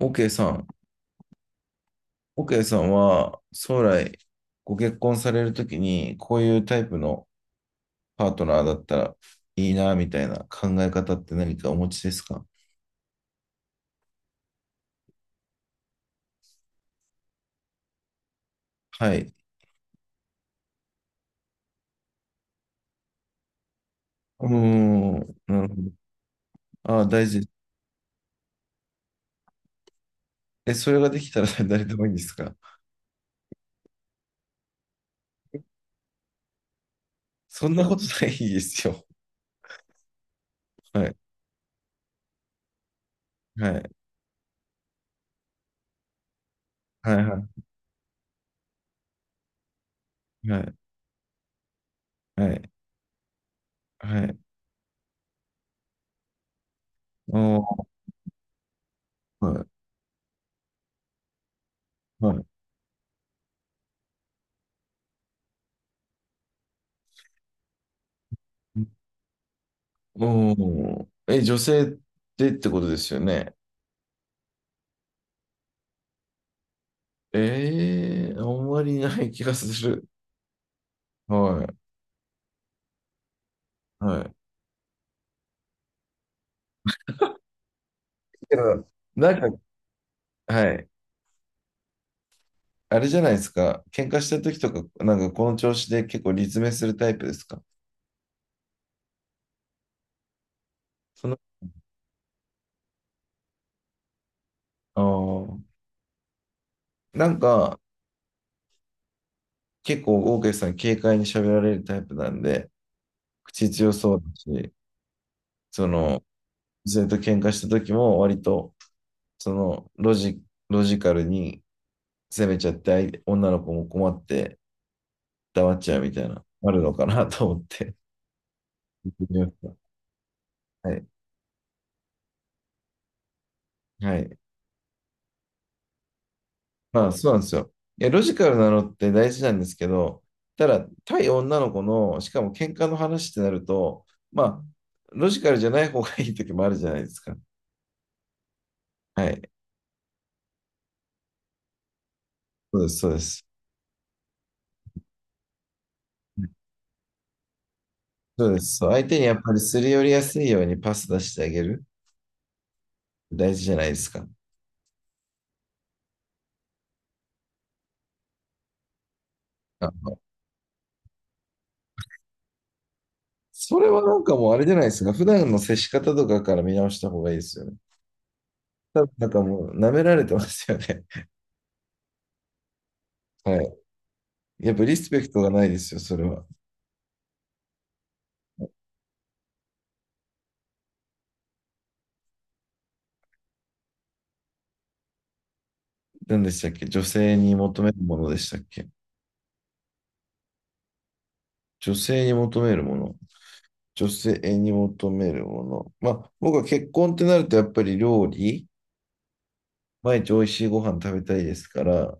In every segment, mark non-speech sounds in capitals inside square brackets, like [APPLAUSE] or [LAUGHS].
OK さん、OK さんは将来ご結婚されるときにこういうタイプのパートナーだったらいいなみたいな考え方って何かお持ちですか？はい。うーん、なるほど。ああ、大事。え、それができたら [LAUGHS] 誰でもいいんですか？そんなことないですよ。はい、はい、はい、はい、はい、はい、はい。おー、はい、はい。おー、え、女性でってことですよね。ええ、あんまりない気がする。はい。はい。けど、なんか、はい。あれじゃないですか。喧嘩した時とか、なんかこの調子で結構理詰めするタイプですか？その、あー、なんか、結構、オーケーさん軽快に喋られるタイプなんで、口強そうだし、その、ずっと喧嘩した時も割と、その、ロジカルに攻めちゃって、相手女の子も困って、黙っちゃうみたいな、あるのかなと思って。聞いてみました。はい。はい。まあ、そうなんですよ。いや、ロジカルなのって大事なんですけど、ただ、対女の子の、しかも喧嘩の話ってなると、まあ、ロジカルじゃない方がいい時もあるじゃないですか。はい。そうです、そうです。そうです。そう、相手にやっぱりすり寄りやすいようにパス出してあげる。大事じゃないですか。あ、それはなんかもうあれじゃないですか。普段の接し方とかから見直した方がいいですよね。多分なんかもう舐められてますよね。[LAUGHS] はい。やっぱリスペクトがないですよ、それは。何でしたっけ、女性に求めるものでしたっけ？女性に求めるもの。女性に求めるもの。まあ、僕は結婚ってなると、やっぱり料理、毎日美味しいご飯食べたいですから、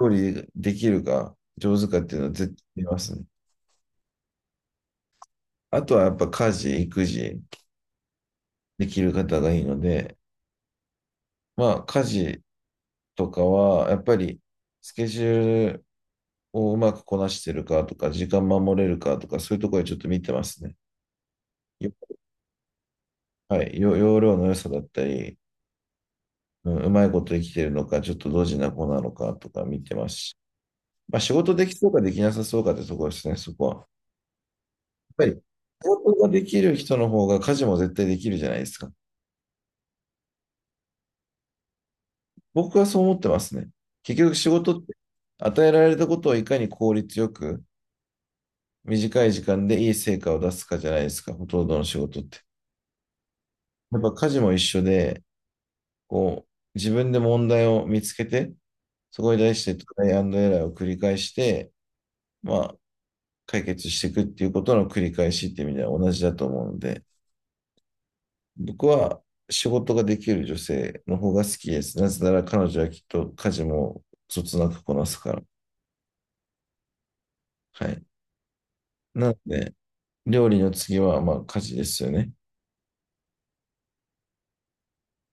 料理できるか、上手かっていうのは絶対見ますね。あとはやっぱ家事、育児できる方がいいので、まあ、家事とかは、やっぱりスケジュールをうまくこなしてるかとか、時間守れるかとか、そういうところでちょっと見てますね。よはい、容量の良さだったり、うん、うまいことできてるのか、ちょっとドジな子なのかとか見てますし、まあ、仕事できそうかできなさそうかってところですね、そこは。やっぱり、仕事ができる人の方が家事も絶対できるじゃないですか。僕はそう思ってますね。結局仕事って与えられたことをいかに効率よく短い時間でいい成果を出すかじゃないですか、ほとんどの仕事って。やっぱ家事も一緒で、こう、自分で問題を見つけて、そこに対してトライアンドエラーを繰り返して、まあ、解決していくっていうことの繰り返しっていう意味では同じだと思うので、僕は仕事ができる女性の方が好きです。なぜなら彼女はきっと家事もそつなくこなすから。はい。なので、料理の次はまあ家事ですよね。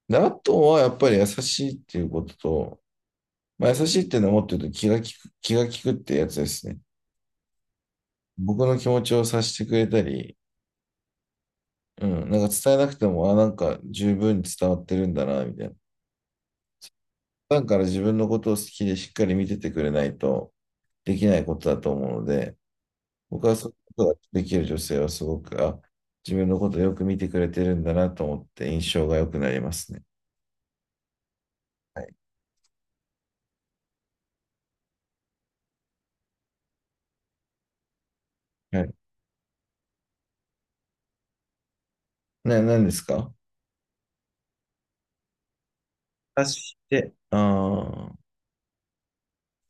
で、あとはやっぱり優しいっていうことと、まあ、優しいっていうのはもっと言うと気が利く、気が利くってやつですね。僕の気持ちを察してくれたり、うん、なんか伝えなくても、あ、なんか十分に伝わってるんだな、みたいな。普段から自分のことを好きでしっかり見ててくれないとできないことだと思うので、僕はそういうことができる女性はすごく、あ、自分のことをよく見てくれてるんだなと思って印象が良くなりますね。はい。はい。何ですか？察して、ああ、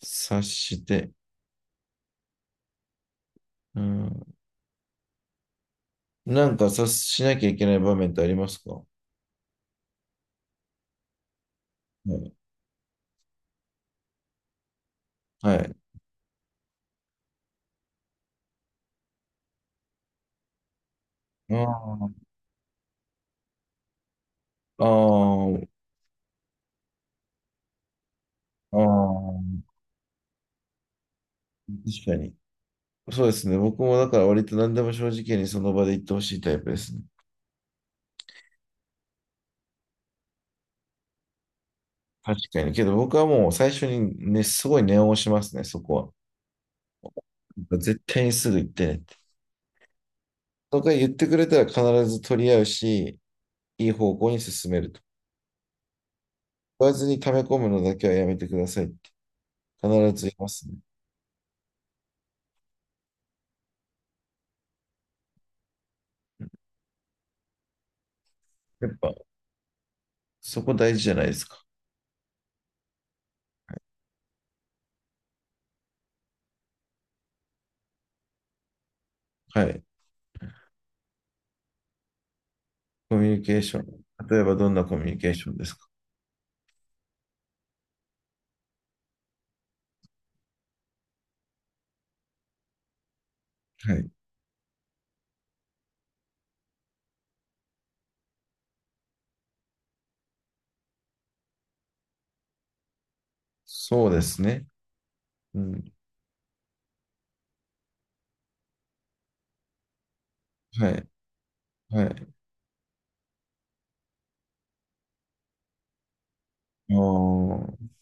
察して、うん。なんか察しなきゃいけない場面ってありますか？はい。はい。ああ、ああ、ああ、確かに。そうですね。僕もだから割と何でも正直にその場で言ってほしいタイプですね。確かに。けど僕はもう最初にね、すごい念を押しますね、そこは。絶対にすぐ行ってねって。とか言ってくれたら必ず取り合うし、いい方向に進めると。言わずに溜め込むのだけはやめてくださいって必ず言いますね。やっぱそこ大事じゃないですか。はい。コミュニケーション。例えばどんなコミュニケーションですか？はい。そうですね。うん。はい。はい。ああ、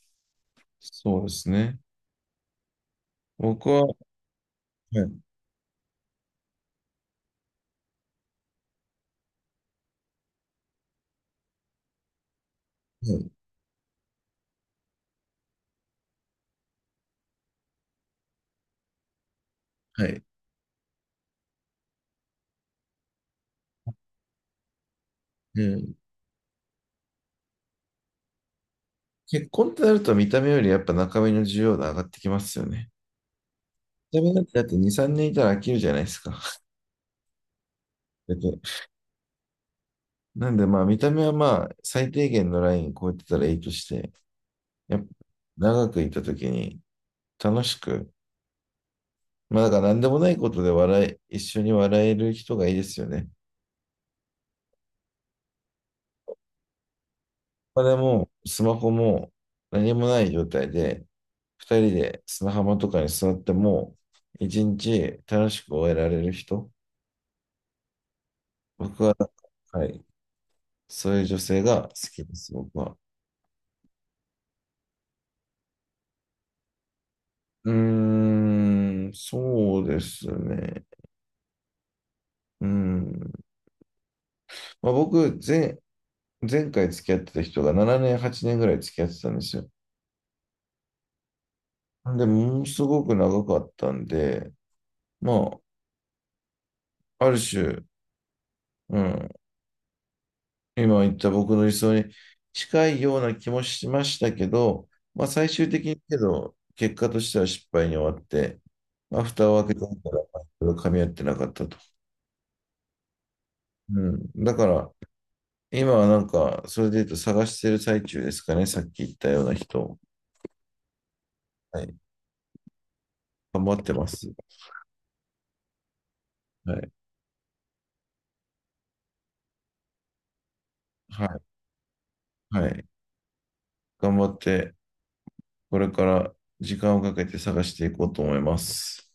そうですね。僕は、はい。はい。はい。うん、結婚ってなると見た目よりやっぱ中身の需要度上がってきますよね。見た目なんてだって2、3年いたら飽きるじゃないですか。だって、なんでまあ見た目はまあ最低限のライン超えてたらいいとして、やっぱ長くいた時に楽しく、まあだから何でもないことで笑い、一緒に笑える人がいいですよね。まあでもスマホも何もない状態で、二人で砂浜とかに座っても、一日楽しく終えられる人。僕は、はい、そういう女性が好きです、僕は。うーん、そうですね。うん。まあ、前回付き合ってた人が7年、8年ぐらい付き合ってたんですよ。で、ものすごく長かったんで、まあ、ある種、うん、今言った僕の理想に近いような気もしましたけど、まあ、最終的にけど、結果としては失敗に終わって、まあ、蓋を開けてみたら、まあいろいろ噛み合ってなかったと。うん。だから、今はなんか、それで言うと探してる最中ですかね。さっき言ったような人。はい。頑張ってます。はい。はい。はい。頑張って、これから時間をかけて探していこうと思います。